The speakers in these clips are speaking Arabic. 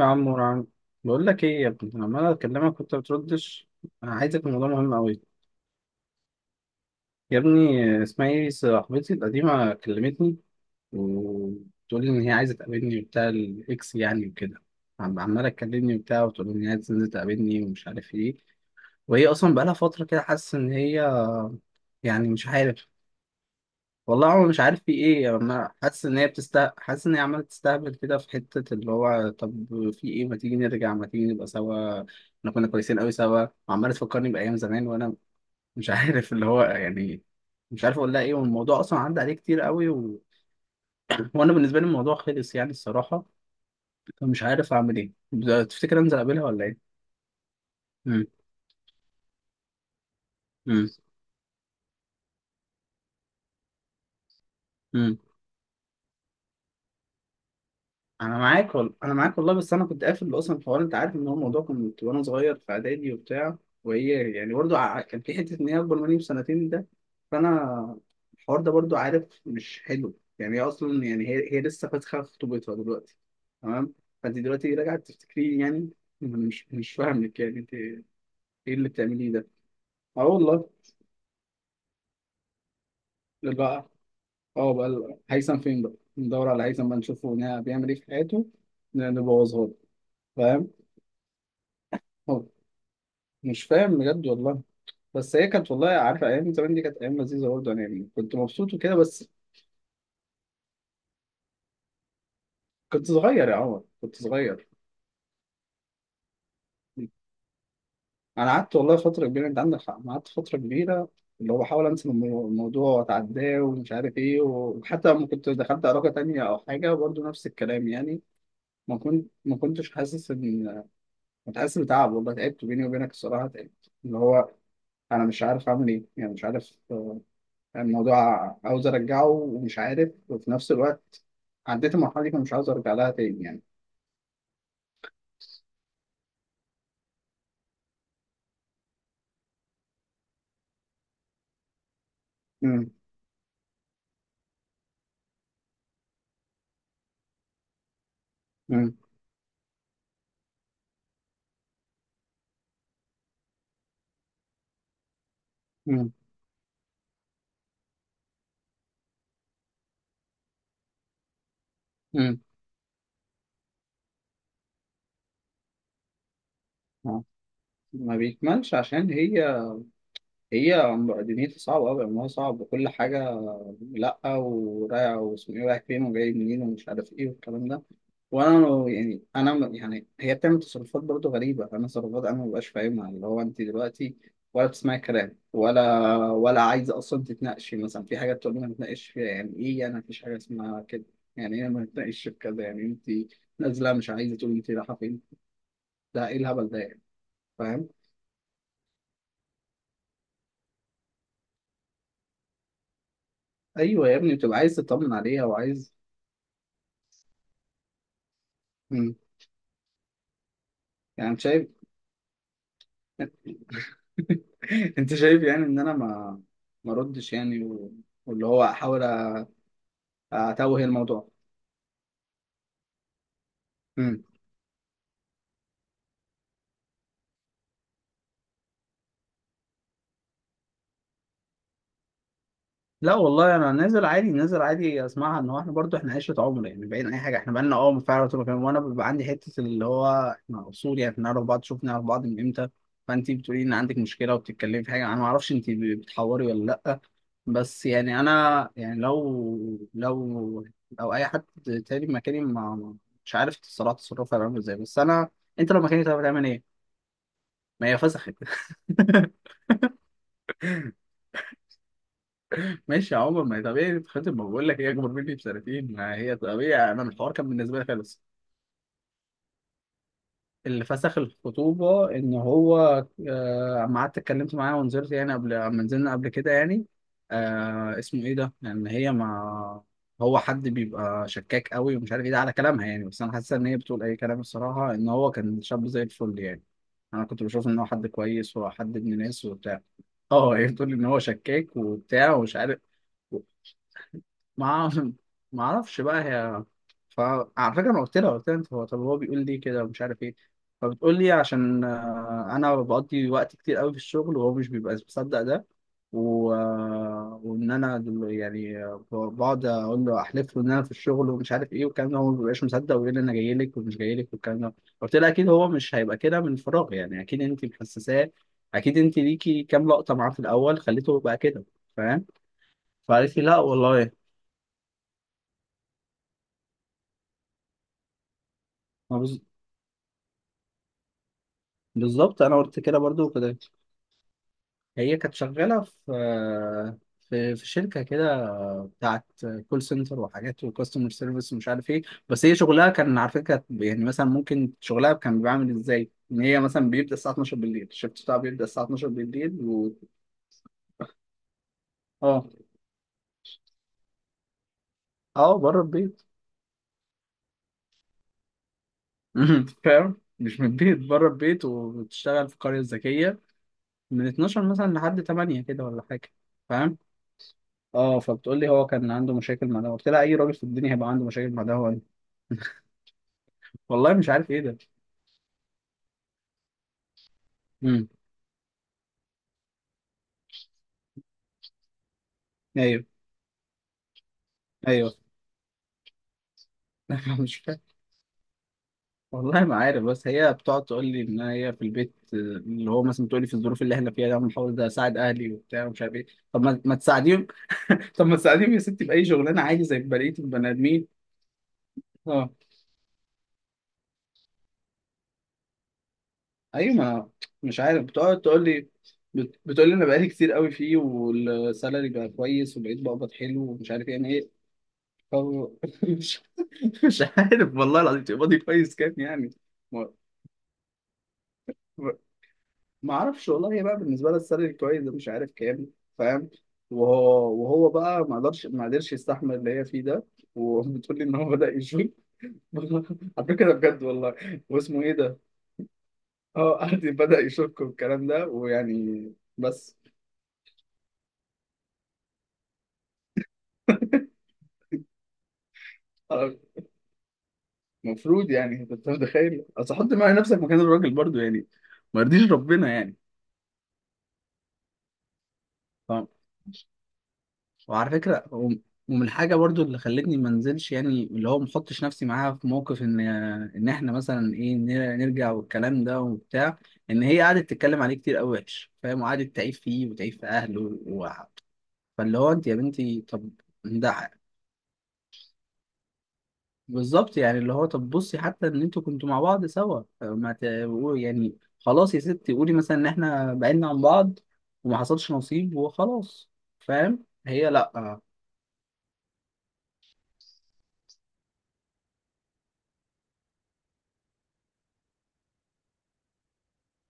يا عم ورعم. بقول لك ايه يا ابني، أنا عمال اكلمك وانت بتردش. انا عايزك، الموضوع مهم قوي. يا ابني اسمها ايه، صاحبتي القديمه كلمتني وتقول لي ان هي عايزه تقابلني وبتاع الاكس يعني وكده. عماله تكلمني وبتاع وتقول لي ان هي عايزه تنزل تقابلني ومش عارف ايه. وهي اصلا بقالها فتره كده حاسه ان هي يعني مش عارف. والله هو مش عارف في ايه، يعني انا حاسس ان هي بتست، حاسس ان هي عماله تستهبل كده في حته اللي هو طب في ايه ما تيجي نرجع ما تيجي نبقى سوا، احنا كنا كويسين قوي سوا، وعماله تفكرني بايام زمان وانا مش عارف اللي هو يعني. مش عارف اقول لها ايه، والموضوع اصلا عدى عليه كتير قوي وانا بالنسبه لي الموضوع خلص يعني الصراحه. فمش عارف اعمل ايه، تفتكر انزل اقابلها ولا ايه؟ امم. امم. امم. انا معاك والله، انا معاك والله، بس انا كنت قافل اصلا الحوار، انت عارف ان هو الموضوع كنت وانا صغير في اعدادي وبتاع. وهي يعني برضو كان في حته ان هي اكبر مني بسنتين ده. فانا الحوار ده برضو عارف مش حلو يعني، هي اصلا يعني هي لسه فاتحه خطوبتها دلوقتي، تمام؟ فانت دلوقتي راجعه تفتكرين يعني، مش فاهمك يعني، انت ايه اللي بتعمليه ده؟ اه والله. لا بقى. اه بقى هيثم فين بقى، ندور على هيثم بقى، نشوفه هنا بيعمل ايه في حياته، نبوظها له. فاهم. مش فاهم بجد والله. بس هي كانت، والله عارفه ايام زمان دي كانت ايام لذيذه برضه، انا يعني كنت مبسوط وكده، بس كنت صغير يا عمر، كنت صغير. انا قعدت والله فتره كبيره، انت عندك حق، أنا قعدت فتره كبيره اللي هو بحاول انسى الموضوع واتعداه ومش عارف ايه، وحتى لما كنت دخلت علاقه تانية او حاجه برضه نفس الكلام يعني. ما كنتش حاسس ان، كنت حاسس بتعب والله، تعبت بيني وبينك الصراحه، تعبت اللي هو انا مش عارف اعمل ايه يعني، مش عارف يعني الموضوع عاوز ارجعه ومش عارف، وفي نفس الوقت عديت المرحله دي فمش عاوز ارجع لها تاني يعني. امم. امم. امم. امم. آه. ما بيكملش عشان هي، هي دنيتي صعبه قوي، امرها صعب وكل حاجه. لا، ورايح واسمه ايه، رايح فين وجاي منين ومش عارف ايه والكلام ده. وانا يعني انا يعني هي بتعمل تصرفات برضه غريبه، انا تصرفات انا مبقاش فاهمها، اللي هو انت دلوقتي ولا بتسمعي كلام ولا عايزه اصلا تتناقشي، مثلا في حاجه تقول لي ما نتناقش فيها يعني ايه، انا مفيش حاجه اسمها كده. يعني ايه ما نتناقش في كذا يعني، انت نازله مش عايزه تقولي انت رايحه فين، ده ايه الهبل ده يعني؟ فاهم. ايوه يا ابني بتبقى عايز تطمن عليها وعايز. مم. يعني أنت شايف انت شايف يعني ان انا ما ردش يعني، واللي هو احاول اتوه الموضوع. لا والله انا نازل عادي، نازل عادي اسمعها، ان هو احنا برضو احنا عشره عمر يعني، بعيد عن اي حاجه احنا بقالنا اه فعلا طول الوقت. وانا بيبقى عندي حته اللي هو احنا اصول يعني، بنعرف بعض، شوفنا نعرف بعض من امتى. فانت بتقولي ان عندك مشكله وبتتكلمي في حاجه، انا ما اعرفش انت بتحوري ولا لا. بس يعني انا يعني، لو لو اي حد تاني مكاني مش عارف الصراحه تصرفها هيبقى عامل ازاي، بس انا انت لو مكاني طب هتعمل ايه؟ ما هي فسخت. ماشي يا عمر، ما هي طبيعي تتخطب، ما بقول لك هي اكبر مني بسنتين، ما هي طبيعي، انا الحوار كان بالنسبه لي خالص. اللي فسخ الخطوبه ان هو اما قعدت اتكلمت معاه ونزلت يعني، قبل اما نزلنا قبل كده يعني، اسمه ايه ده، لان هي ما، هو حد بيبقى شكاك قوي ومش عارف ايه ده على كلامها يعني، بس انا حاسه ان هي بتقول اي كلام الصراحه، ان هو كان شاب زي الفل يعني. انا كنت بشوف ان هو حد كويس وحد ابن ناس وبتاع. اه هي بتقول ان هو شكاك وبتاع ومش عارف. ما ما اعرفش بقى هي. فعلى فكره انا قلت لها انت هو طب، هو بيقول لي كده ومش عارف ايه، فبتقول لي عشان انا بقضي وقت كتير قوي في الشغل، وهو مش بيبقى مصدق ده، و... آه، وان انا يعني بقعد اقول له احلف له ان انا في الشغل ومش عارف ايه والكلام ده، هو ما بيبقاش مصدق ويقول لي انا جاي لك ومش جاي لك والكلام ده. قلت لها اكيد هو مش هيبقى كده من فراغ يعني، اكيد انت محسساه، اكيد انت ليكي كام لقطه معاه في الاول خليته يبقى كده. فاهم. فقالت لي لا والله. بالظبط، انا قلت كده برضو كده. هي كانت شغاله في، في شركه كده بتاعت كول سنتر وحاجات وكاستمر سيرفيس ومش عارف ايه. بس هي شغلها كان على فكره، كانت يعني مثلا ممكن شغلها كان بيعمل ازاي ان هي مثلا بيبدا الساعه 12 بالليل، الشفت بتاعها بيبدا الساعه 12 بالليل اه. اه، بره البيت. فاهم؟ مش من البيت، بره البيت، وبتشتغل في قريه ذكيه من 12 مثلا لحد 8 كده ولا حاجه. فاهم. اه فبتقول لي هو كان عنده مشاكل مع ده، قلت لها اي راجل في الدنيا هيبقى عنده مشاكل مع ده هو. والله مش عارف ايه ده. امم. ايوه. ايوه. مش فاهم. والله ما عارف، بس هي بتقعد تقول لي ان هي في البيت، اللي هو مثلا بتقول لي في الظروف اللي احنا فيها ده أنا بحاول ده اساعد اهلي وبتاع ومش عارف ايه. طب ما تساعديهم، طب ما تساعديهم يا ستي باي شغلانه عادي زي بقيه البني ادمين. اه. ايوه، ما مش عارف بتقعد تقول لي، بتقول لي انا بقالي كتير قوي فيه، والسالري بقى كويس وبقيت بقبض حلو ومش عارف يعني ايه. طب مش مش عارف والله العظيم، تقبضي كويس كام يعني؟ ما اعرفش والله، هي بقى بالنسبه لها السالري كويس ده، مش عارف كام. فاهم. وهو بقى ما قدرش يستحمل اللي هي فيه ده، وبتقول لي ان هو بدا يشك. على فكره بجد والله. واسمه ايه ده، اه قعد بدا يشك والكلام ده ويعني، بس آه، المفروض يعني، انت متخيل، اصل حط معايا نفسك مكان الراجل برضو يعني، ما يرضيش ربنا يعني. وعلى فكرة ومن الحاجة برضو اللي خلتني ما انزلش، يعني اللي هو ما احطش نفسي معاها في موقف ان احنا مثلا ايه نرجع والكلام ده وبتاع، ان هي قعدت تتكلم عليه كتير قوي وحش فاهم، وقعدت تعيب فيه وتعيب في اهله فاللي هو انت يا بنتي طب ده بالظبط يعني، اللي هو طب بصي، حتى ان انتوا كنتوا مع بعض سوا ما ت... يعني خلاص يا ستي قولي مثلا ان احنا بعدنا عن بعض وما حصلش نصيب وخلاص. فاهم. هي لا.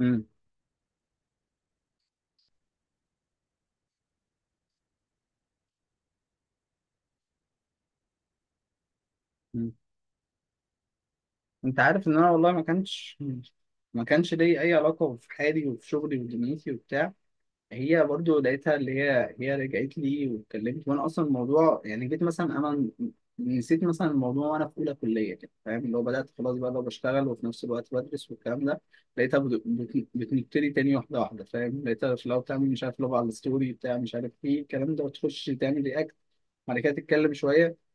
امم. انت عارف ان انا والله، ما كانش لي اي علاقه، في حالي وفي شغلي ودنيتي وبتاع. هي برضو لقيتها، اللي هي رجعت لي واتكلمت، وانا اصلا الموضوع يعني جيت مثلا انا ن- نسيت مثلا الموضوع، وانا في اولى كليه كده فاهم، اللي هو بدات خلاص بقى لو بشتغل، وفي نفس الوقت بدرس والكلام ده. لقيتها بتنكتلي تاني واحده واحده فاهم، لقيتها في الاول بتعمل مش عارف، لو على الستوري بتاع مش عارف ايه الكلام ده، وتخش تعمل رياكت، بعد كده تتكلم شويه.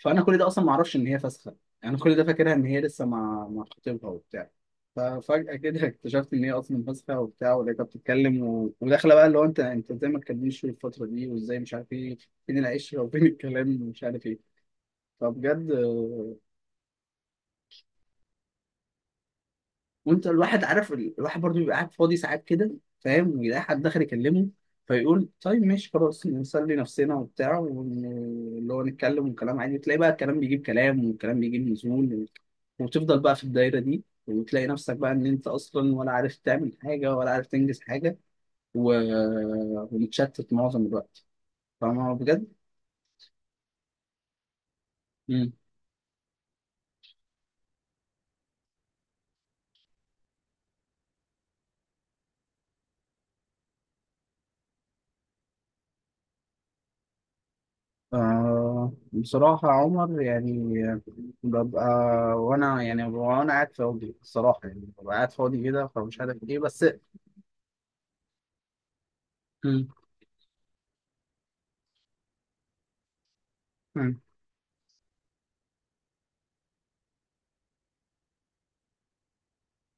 فانا كل ده اصلا ما اعرفش ان هي فاسخه، يعني انا كل ده فاكرها ان هي لسه مع خطيبها وبتاع. ففجاه كده اكتشفت ان هي اصلا فاسخه وبتاع، ولقيتها بتتكلم وداخله بقى اللي هو انت ازاي ما تكلمنيش في الفتره دي، وازاي مش عارف ايه، فين العشره وفين الكلام ومش عارف ايه. فبجد. وانت الواحد عارف الواحد برضو بيبقى قاعد فاضي ساعات كده فاهم، ويلاقي حد داخل يكلمه، فيقول طيب ماشي خلاص نسلي نفسنا وبتاع اللي هو نتكلم وكلام عادي، تلاقي بقى الكلام بيجيب كلام، والكلام بيجيب نزول، وتفضل بقى في الدايرة دي، وتلاقي نفسك بقى ان انت اصلا ولا عارف تعمل حاجة ولا عارف تنجز حاجة، و... ومتشتت معظم الوقت. فاهم بجد؟ آه بصراحة يا عمر يعني، ببقى وأنا يعني وأنا قاعد فاضي الصراحة، يعني ببقى قاعد فاضي كده فمش عارف إيه، بس. مم. مم.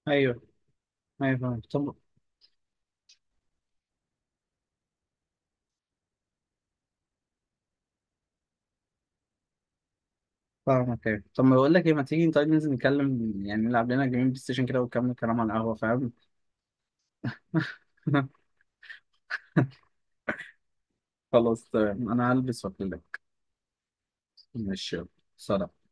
أيوه. أيوه فاهم، طب. فاهمك، أيوه طب ما بقول لك إيه، ما تيجي طيب ننزل نتكلم، يعني نلعب لنا جيمين بلاي ستيشن كده، ونكمل كلام على القهوة، فاهم. خلاص تمام، أنا هلبس وأكلمك. ماشي، يلا. سلام.